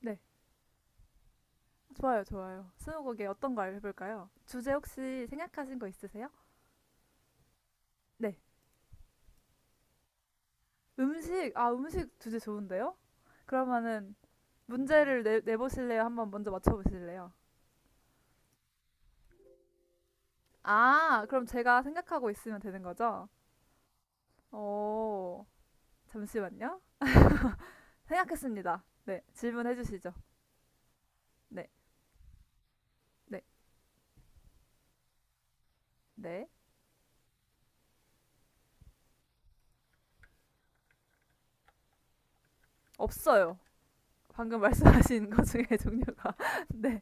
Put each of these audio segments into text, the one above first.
네, 좋아요, 좋아요. 스무고개 어떤 거 해볼까요? 주제 혹시 생각하신 거 있으세요? 네, 음식, 아, 음식 주제 좋은데요? 그러면은 문제를 내보실래요? 한번 먼저 맞춰보실래요? 아, 그럼 제가 생각하고 있으면 되는 거죠? 오, 잠시만요. 생각했습니다. 네, 질문해 주시죠. 네, 네, 네. 없어요. 방금 말씀하신 것 중에 종류가. 네,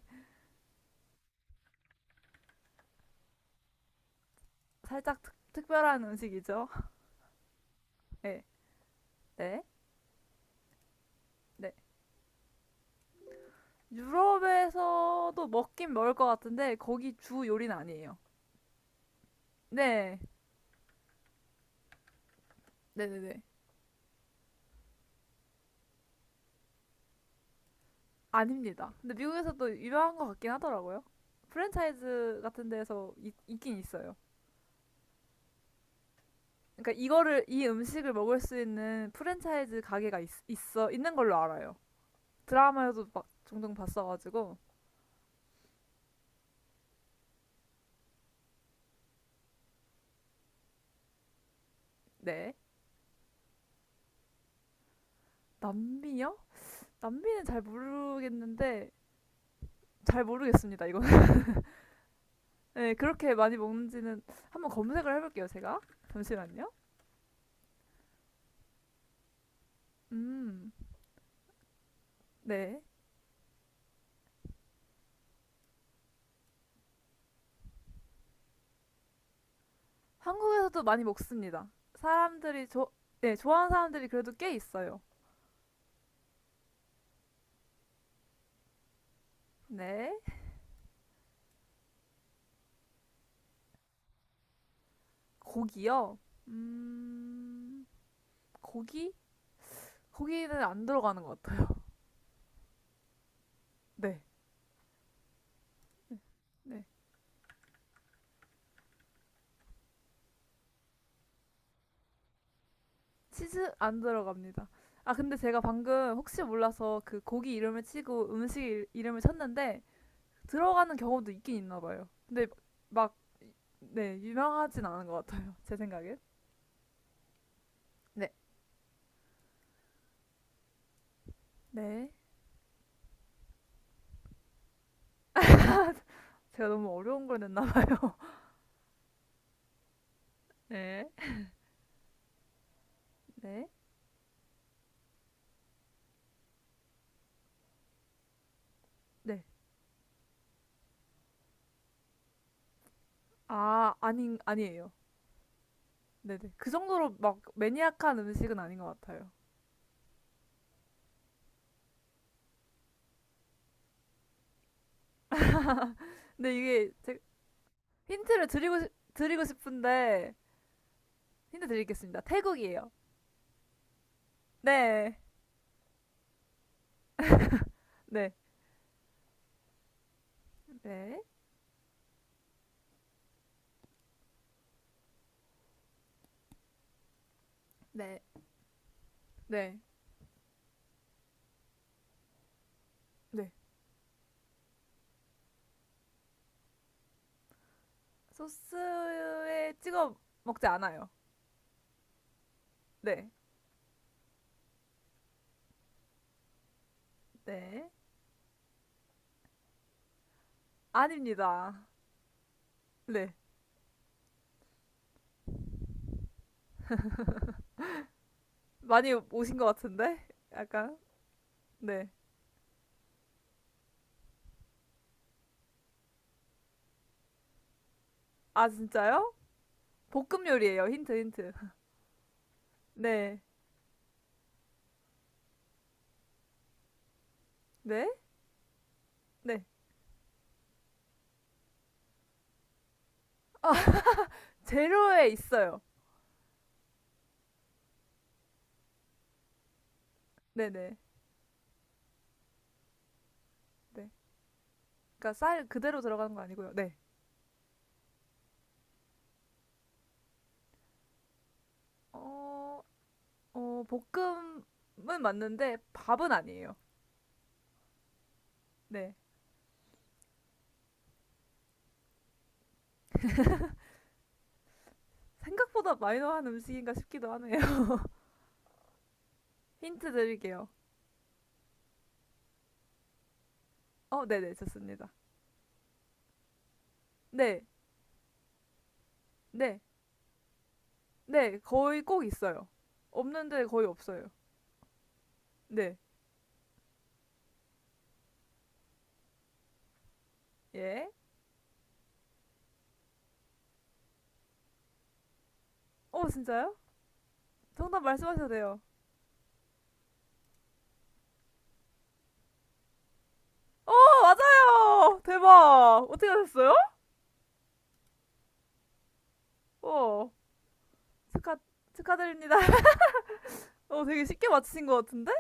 살짝 특별한 음식이죠? 네, 네, 네. 유럽에서도 먹긴 먹을 것 같은데 거기 주 요리는 아니에요. 네, 네네네. 아닙니다. 근데 미국에서도 유명한 것 같긴 하더라고요. 프랜차이즈 같은 데서 있긴 있어요. 그러니까 이거를 이 음식을 먹을 수 있는 프랜차이즈 가게가 있, 있어 있는 걸로 알아요. 드라마에도 막 종종 봤어가지고 네. 남미요? 남미는 잘 모르겠는데 잘 모르겠습니다 이거는. 네, 그렇게 많이 먹는지는 한번 검색을 해볼게요 제가. 잠시만요. 음. 네. 한국에서도 많이 먹습니다. 사람들이 조, 네, 좋아하는 사람들이 그래도 꽤 있어요. 네. 고기요. 음, 고기? 고기는 안 들어가는 것 같아요. 네. 네. 치즈 안 들어갑니다. 아, 근데 제가 방금 혹시 몰라서 그 고기 이름을 치고 음식 이름을 쳤는데 들어가는 경우도 있긴 있나 봐요. 근데 막, 네, 유명하진 않은 것 같아요. 제 생각엔. 네. 네. 제가 너무 어려운 걸 냈나 봐요. 네. 네. 네. 아니에요. 네네. 그 정도로 막 매니악한 음식은 아닌 것 같아요. 근데 이게 제 힌트를 드리고 싶은데, 힌트 드리겠습니다. 태국이에요. 네. 네. 네. 네. 네. 네. 소스에 찍어 먹지 않아요. 네. 네. 아닙니다. 네. 많이 오신 것 같은데? 약간. 네. 아, 진짜요? 볶음 요리예요. 힌트, 힌트. 네. 네. 네. 아, 재료에 있어요. 네네. 네. 그러니까 쌀 그대로 들어가는 거 아니고요. 네. 어, 볶음은 맞는데 밥은 아니에요. 네. 생각보다 마이너한 음식인가 싶기도 하네요. 힌트 드릴게요. 네네, 좋습니다. 네, 네, 네, 거의 꼭 있어요. 없는데 거의 없어요. 네, 예. 어, 진짜요? 정답 말씀하셔도 돼요. 어, 맞아요! 대박! 어떻게 하셨어요? 어, 축하, 축하드립니다. 어, 되게 쉽게 맞추신 것 같은데?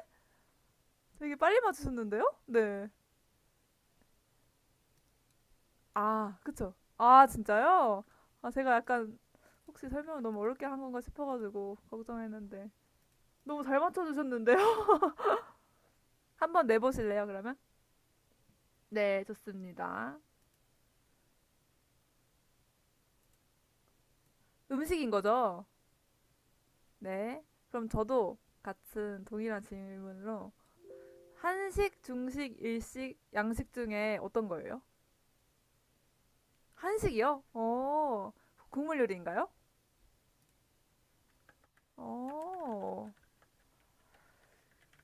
되게 빨리 맞추셨는데요? 네. 아, 그쵸. 아, 진짜요? 아, 제가 약간 혹시 설명을 너무 어렵게 한 건가 싶어가지고 걱정했는데. 너무 잘 맞춰주셨는데요? 한번 내보실래요, 그러면? 네, 좋습니다. 음식인 거죠? 네. 그럼 저도 같은 동일한 질문으로 한식, 중식, 일식, 양식 중에 어떤 거예요? 한식이요? 어, 국물 요리인가요? 어.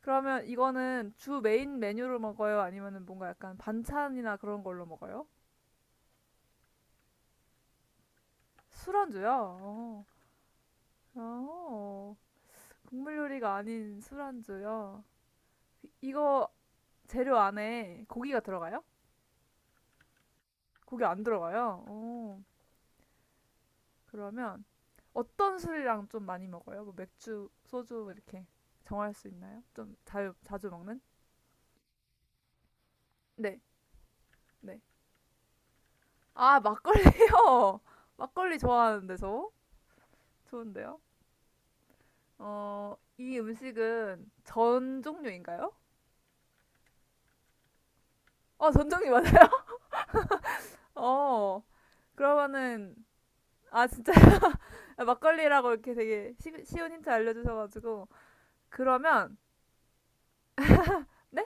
그러면 이거는 주 메인 메뉴로 먹어요? 아니면은 뭔가 약간 반찬이나 그런 걸로 먹어요? 술안주요? 어. 어. 국물 요리가 아닌 술안주요. 이거 재료 안에 고기가 들어가요? 고기 안 들어가요? 어. 그러면 어떤 술이랑 좀 많이 먹어요? 뭐 맥주, 소주 이렇게 정할 수 있나요? 좀 자주 먹는? 네, 네. 아, 막걸리요! 막걸리 좋아하는데 저? 좋은데요? 어, 이 음식은 전 종류인가요? 어, 전 종류 맞아요? 어, 그러면은, 아, 진짜, 막걸리라고 이렇게 되게 쉬운 힌트 알려주셔가지고. 그러면, 네?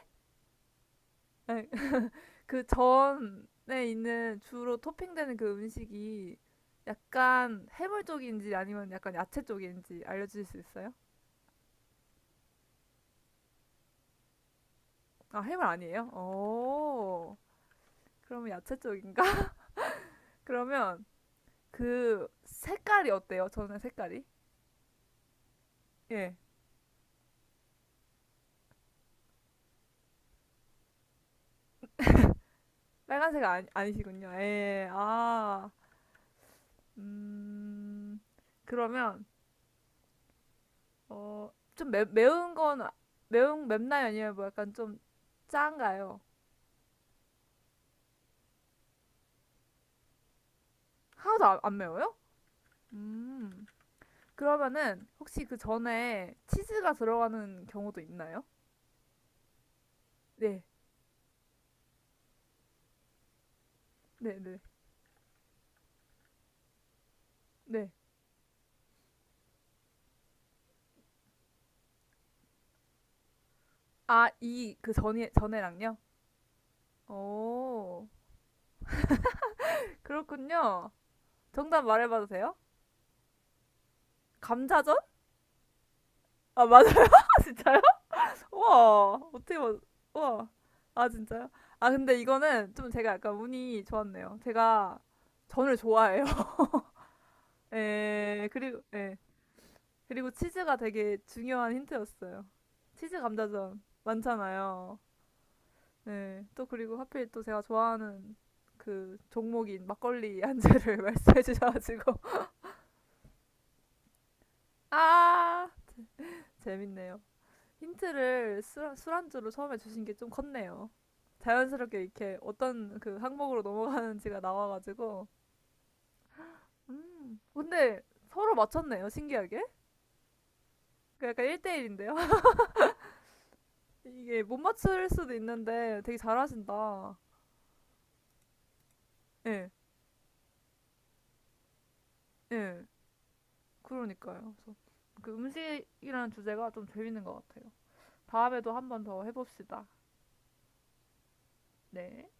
네. 그 전에 있는 주로 토핑되는 그 음식이 약간 해물 쪽인지 아니면 약간 야채 쪽인지 알려주실 수 있어요? 아, 해물 아니에요? 오, 그러면 야채 쪽인가? 그러면 그 색깔이 어때요? 저는 색깔이? 예. 빨간색 아니, 아니시군요. 예, 예. 아, 음, 그러면, 어, 좀 매운 건, 매운, 맵나요? 아니면 뭐 약간 좀 짠가요? 하나도 안 매워요? 음, 그러면은, 혹시 그 전에 치즈가 들어가는 경우도 있나요? 네, 네, 네, 네. 아, 이, 그 전에, 전에랑요? 오, 그렇군요. 정답 말해봐도 돼요? 감자전? 아, 맞아요, 진짜. 우와, 어떻게, 맞... 우와. 아, 진짜요? 아, 근데 이거는 좀 제가 약간 운이 좋았네요. 제가 전을 좋아해요. 예, 그리고, 예. 그리고 치즈가 되게 중요한 힌트였어요. 치즈 감자전 많잖아요. 네. 또 그리고 하필 또 제가 좋아하는 그 종목인 막걸리 안주를 말씀해 주셔가지고. 아! 재밌네요. 힌트를 술안주로 처음에 주신 게 좀 컸네요. 자연스럽게 이렇게 어떤 그 항목으로 넘어가는지가 나와가지고. 음. 근데 서로 맞췄네요, 신기하게. 그 약간 1대1인데요? 이게 못 맞출 수도 있는데 되게 잘하신다. 예, 예. 그러니까요. 그래서 그 음식이라는 주제가 좀 재밌는 것 같아요. 다음에도 한 번 더 해봅시다. 네.